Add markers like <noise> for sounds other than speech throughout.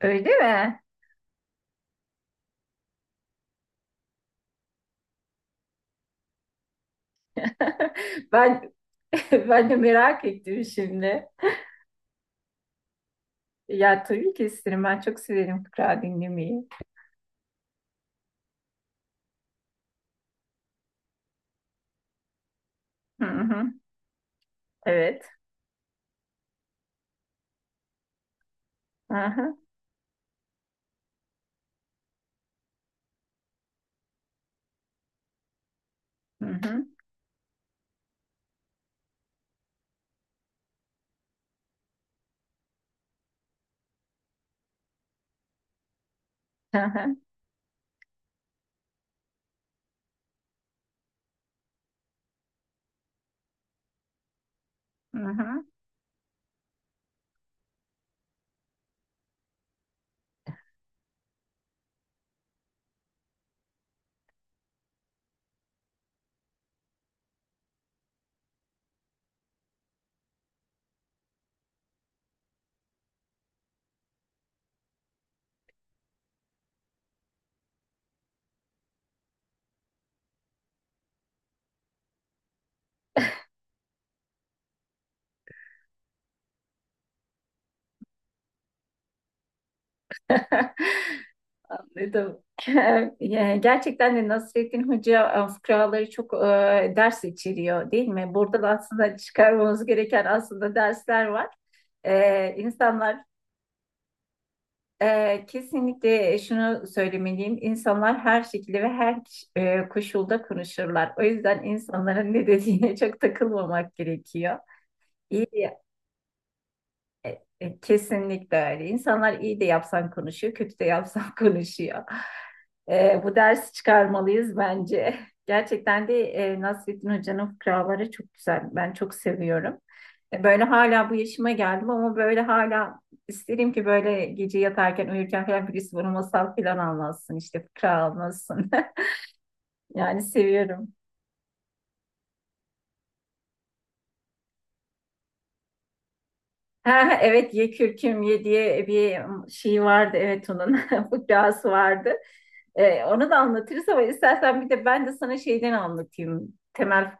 Öyle mi? <laughs> Ben <laughs> ben de merak ettim şimdi. Ya tabii ki isterim. Ben çok severim fıkra dinlemeyi. Hı hı. Evet. Hı hı. Hı hı. Hı hı. Hı hı. <laughs> Anladım. <laughs> Ya, gerçekten de Nasrettin Hoca fıkraları çok ders içeriyor değil mi? Burada da aslında çıkarmamız gereken aslında dersler var. E, insanlar Kesinlikle şunu söylemeliyim. İnsanlar her şekilde ve her koşulda konuşurlar. O yüzden insanların ne dediğine <laughs> çok takılmamak gerekiyor. İyi. Kesinlikle öyle. İnsanlar iyi de yapsan konuşuyor, kötü de yapsan <laughs> konuşuyor. Bu dersi çıkarmalıyız bence. Gerçekten de Nasrettin Hoca'nın fıkraları çok güzel. Ben çok seviyorum. Böyle hala bu yaşıma geldim ama böyle hala isterim ki böyle gece yatarken uyurken falan birisi bana masal falan anlatsın işte fıkra anlatsın. <laughs> Yani seviyorum. Ha, evet, ye kürküm ye diye bir şey vardı, evet, onun <laughs> fıkrası vardı. Onu da anlatırız ama istersen bir de ben de sana şeyden anlatayım. Temel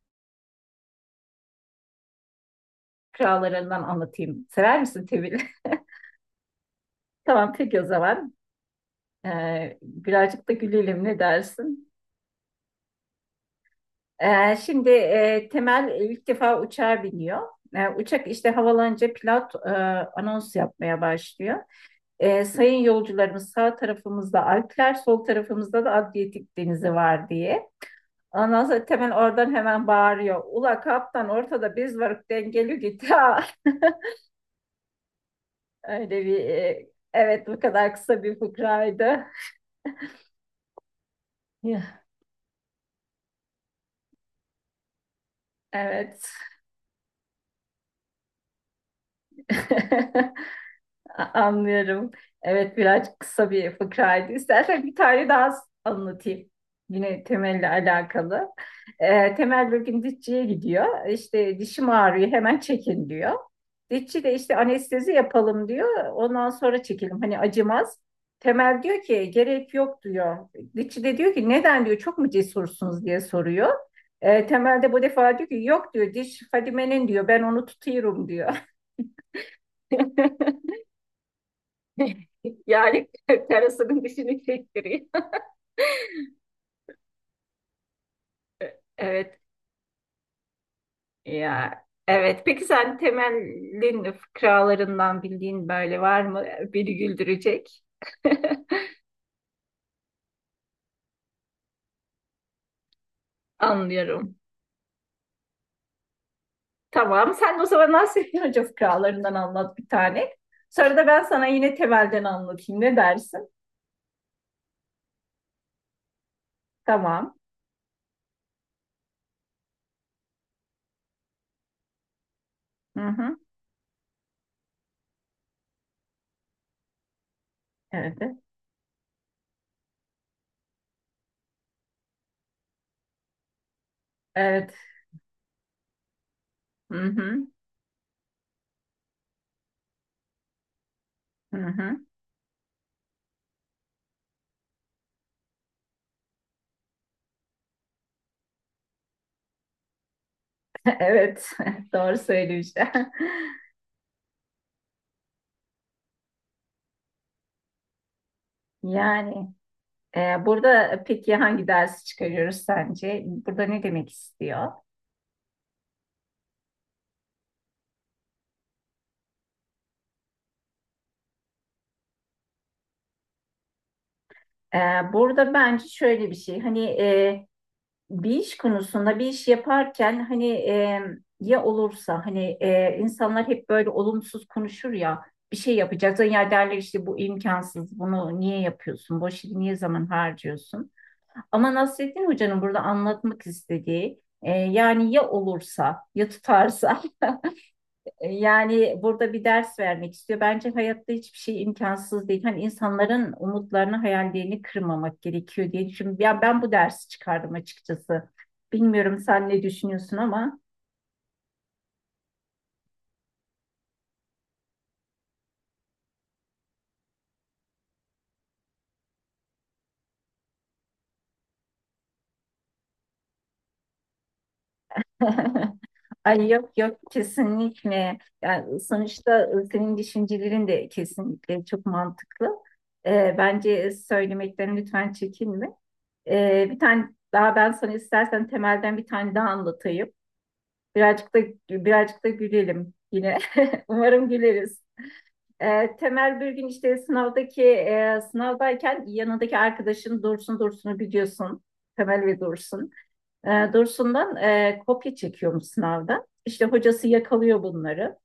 fıkralarından anlatayım. Sever misin Temel? <laughs> Tamam peki o zaman. Birazcık da gülelim ne dersin? Şimdi Temel ilk defa uçağa biniyor. Uçak işte havalanınca pilot anons yapmaya başlıyor. Sayın yolcularımız, sağ tarafımızda Alpler, sol tarafımızda da Adriyatik Denizi var diye. Ondan sonra Temel oradan hemen bağırıyor. Ula kaptan, ortada biz varık, dengeli git <laughs> ha. Öyle bir e, evet, bu kadar kısa bir fıkraydı. Ya, evet. <laughs> Anlıyorum. Evet, biraz kısa bir fıkraydı. İstersen bir tane daha anlatayım. Yine Temel'le alakalı. Temel bir gün dişçiye gidiyor. İşte dişim ağrıyor, hemen çekin diyor. Dişçi de işte anestezi yapalım diyor. Ondan sonra çekelim, hani acımaz. Temel diyor ki gerek yok diyor. Dişçi de diyor ki neden diyor, çok mu cesursunuz diye soruyor. Temel de bu defa diyor ki yok diyor, diş Fadime'nin diyor, ben onu tutuyorum diyor. <laughs> Yani <laughs> terasının dışını çektiriyor. Evet. Ya, evet. Peki sen temelin fıkralarından bildiğin böyle var mı? Beni güldürecek. <laughs> Anlıyorum. Tamam. Sen de o zaman Nasrettin Hoca fıkralarından anlat bir tane. Sonra da ben sana yine temelden anlatayım. Ne dersin? Tamam. Hı hı. Evet. Evet. Hı hı. Hı hı. <laughs> Evet. <laughs> Doğru söylüyorsun. <laughs> Yani. Burada peki hangi dersi çıkarıyoruz sence? Burada ne demek istiyor? Ee, Burada bence şöyle bir şey. Hani bir iş konusunda bir iş yaparken hani ya olursa, hani insanlar hep böyle olumsuz konuşur ya, bir şey yapacaksın, ya derler işte bu imkansız, bunu niye yapıyorsun, boş yere niye zaman harcıyorsun, ama Nasrettin Hoca'nın burada anlatmak istediği yani ya olursa, ya tutarsa. Yani burada bir ders vermek istiyor. Bence hayatta hiçbir şey imkansız değil. Hani insanların umutlarını, hayallerini kırmamak gerekiyor diye düşünüyorum. Ya, ben bu dersi çıkardım açıkçası. Bilmiyorum sen ne düşünüyorsun ama. <laughs> Ay yok yok, kesinlikle. Yani sonuçta senin düşüncelerin de kesinlikle çok mantıklı. Bence söylemekten lütfen çekinme. E, bir tane daha Ben sana istersen temelden bir tane daha anlatayım. Birazcık da birazcık da gülelim yine. <laughs> Umarım güleriz. Temel bir gün işte sınavdayken yanındaki arkadaşın Dursun'u biliyorsun. Temel ve Dursun. Dursun'dan kopya çekiyormuş sınavda. İşte hocası yakalıyor bunları.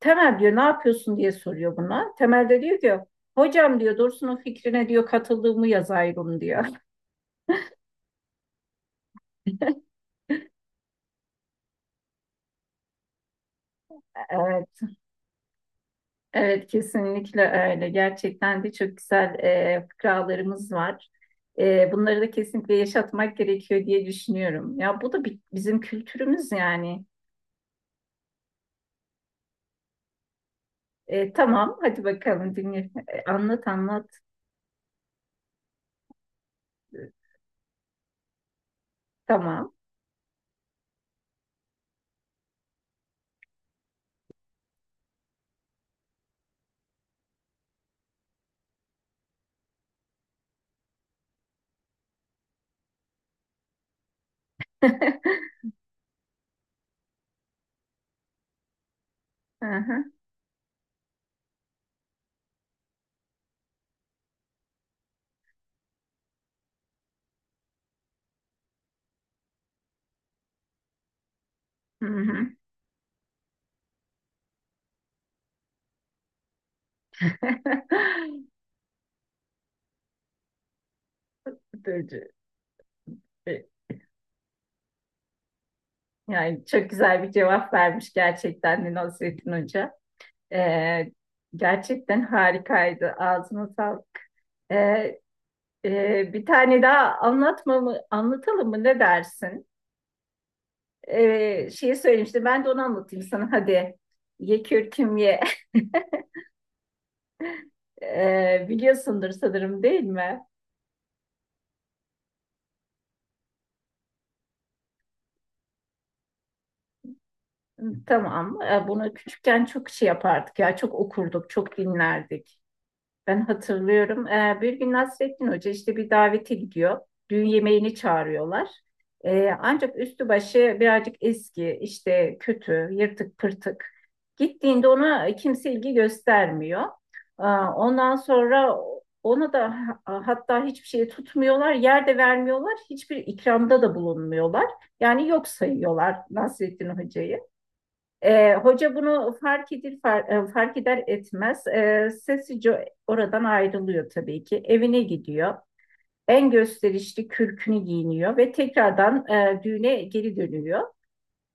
Temel diyor ne yapıyorsun diye soruyor buna. Temel de diyor ki hocam diyor Dursun'un fikrine diyor katıldığımı yazayım diyor. <laughs> Ee, Evet kesinlikle öyle. Gerçekten de çok güzel fıkralarımız var. Bunları da kesinlikle yaşatmak gerekiyor diye düşünüyorum. Ya bu da bi- bizim kültürümüz yani. Tamam hadi bakalım dinle. Anlat anlat. E, Tamam. <laughs> Hı hı, hı hı. <laughs> Dur, dur. E, Yani çok güzel bir cevap vermiş gerçekten de Nasrettin Hoca. E, Gerçekten harikaydı. Ağzına sağlık. E, Bir tane daha anlatalım mı, ne dersin? Şeyi söylemişti, ben de onu anlatayım sana hadi. Ye kürküm ye. <laughs> Biliyorsundur sanırım değil mi? Tamam. Bunu küçükken çok şey yapardık ya, çok okurduk, çok dinlerdik. Ben hatırlıyorum. Bir gün Nasrettin Hoca işte bir davete gidiyor. Düğün yemeğini çağırıyorlar. Ancak üstü başı birazcık eski, işte kötü, yırtık pırtık. Gittiğinde ona kimse ilgi göstermiyor. Ee, ondan sonra ona da ha- Hatta hiçbir şey tutmuyorlar, yer de vermiyorlar, hiçbir ikramda da bulunmuyorlar. Yani yok sayıyorlar Nasrettin Hoca'yı. Hoca bunu fark eder etmez sessizce oradan ayrılıyor tabii ki. Evine gidiyor. En gösterişli kürkünü giyiniyor ve tekrardan düğüne geri dönüyor.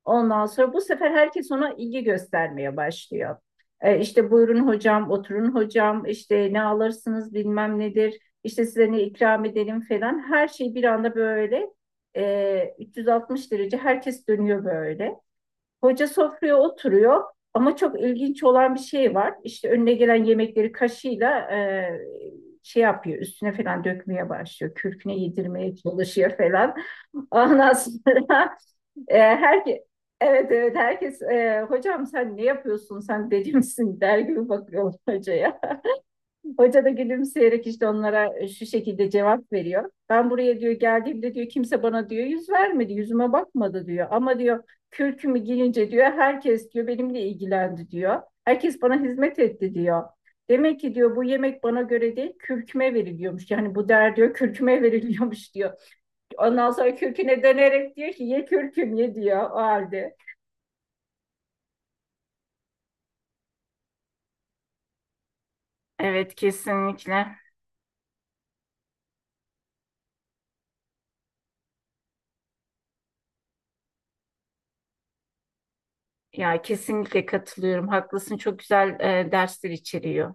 Ondan sonra bu sefer herkes ona ilgi göstermeye başlıyor. İşte buyurun hocam, oturun hocam, işte ne alırsınız bilmem nedir, işte size ne ikram edelim falan. Her şey bir anda böyle 360 derece herkes dönüyor böyle. Hoca sofraya oturuyor ama çok ilginç olan bir şey var. İşte önüne gelen yemekleri kaşıyla şey yapıyor, üstüne falan dökmeye başlıyor. Kürküne yedirmeye çalışıyor falan. Ondan sonra e, herke- Evet evet, herkes hocam sen ne yapıyorsun, sen deli misin der gibi bakıyor hocaya. Hoca da gülümseyerek işte onlara şu şekilde cevap veriyor. Ben buraya diyor geldiğimde diyor kimse bana diyor yüz vermedi, yüzüme bakmadı diyor. Ama diyor kürkümü giyince diyor herkes diyor benimle ilgilendi diyor. Herkes bana hizmet etti diyor. Demek ki diyor bu yemek bana göre değil, kürküme veriliyormuş. Yani bu der diyor, kürküme veriliyormuş diyor. Ondan sonra kürküne dönerek diyor ki ye kürküm ye diyor o halde. Evet kesinlikle. Ya kesinlikle katılıyorum. Haklısın. Çok güzel dersler içeriyor.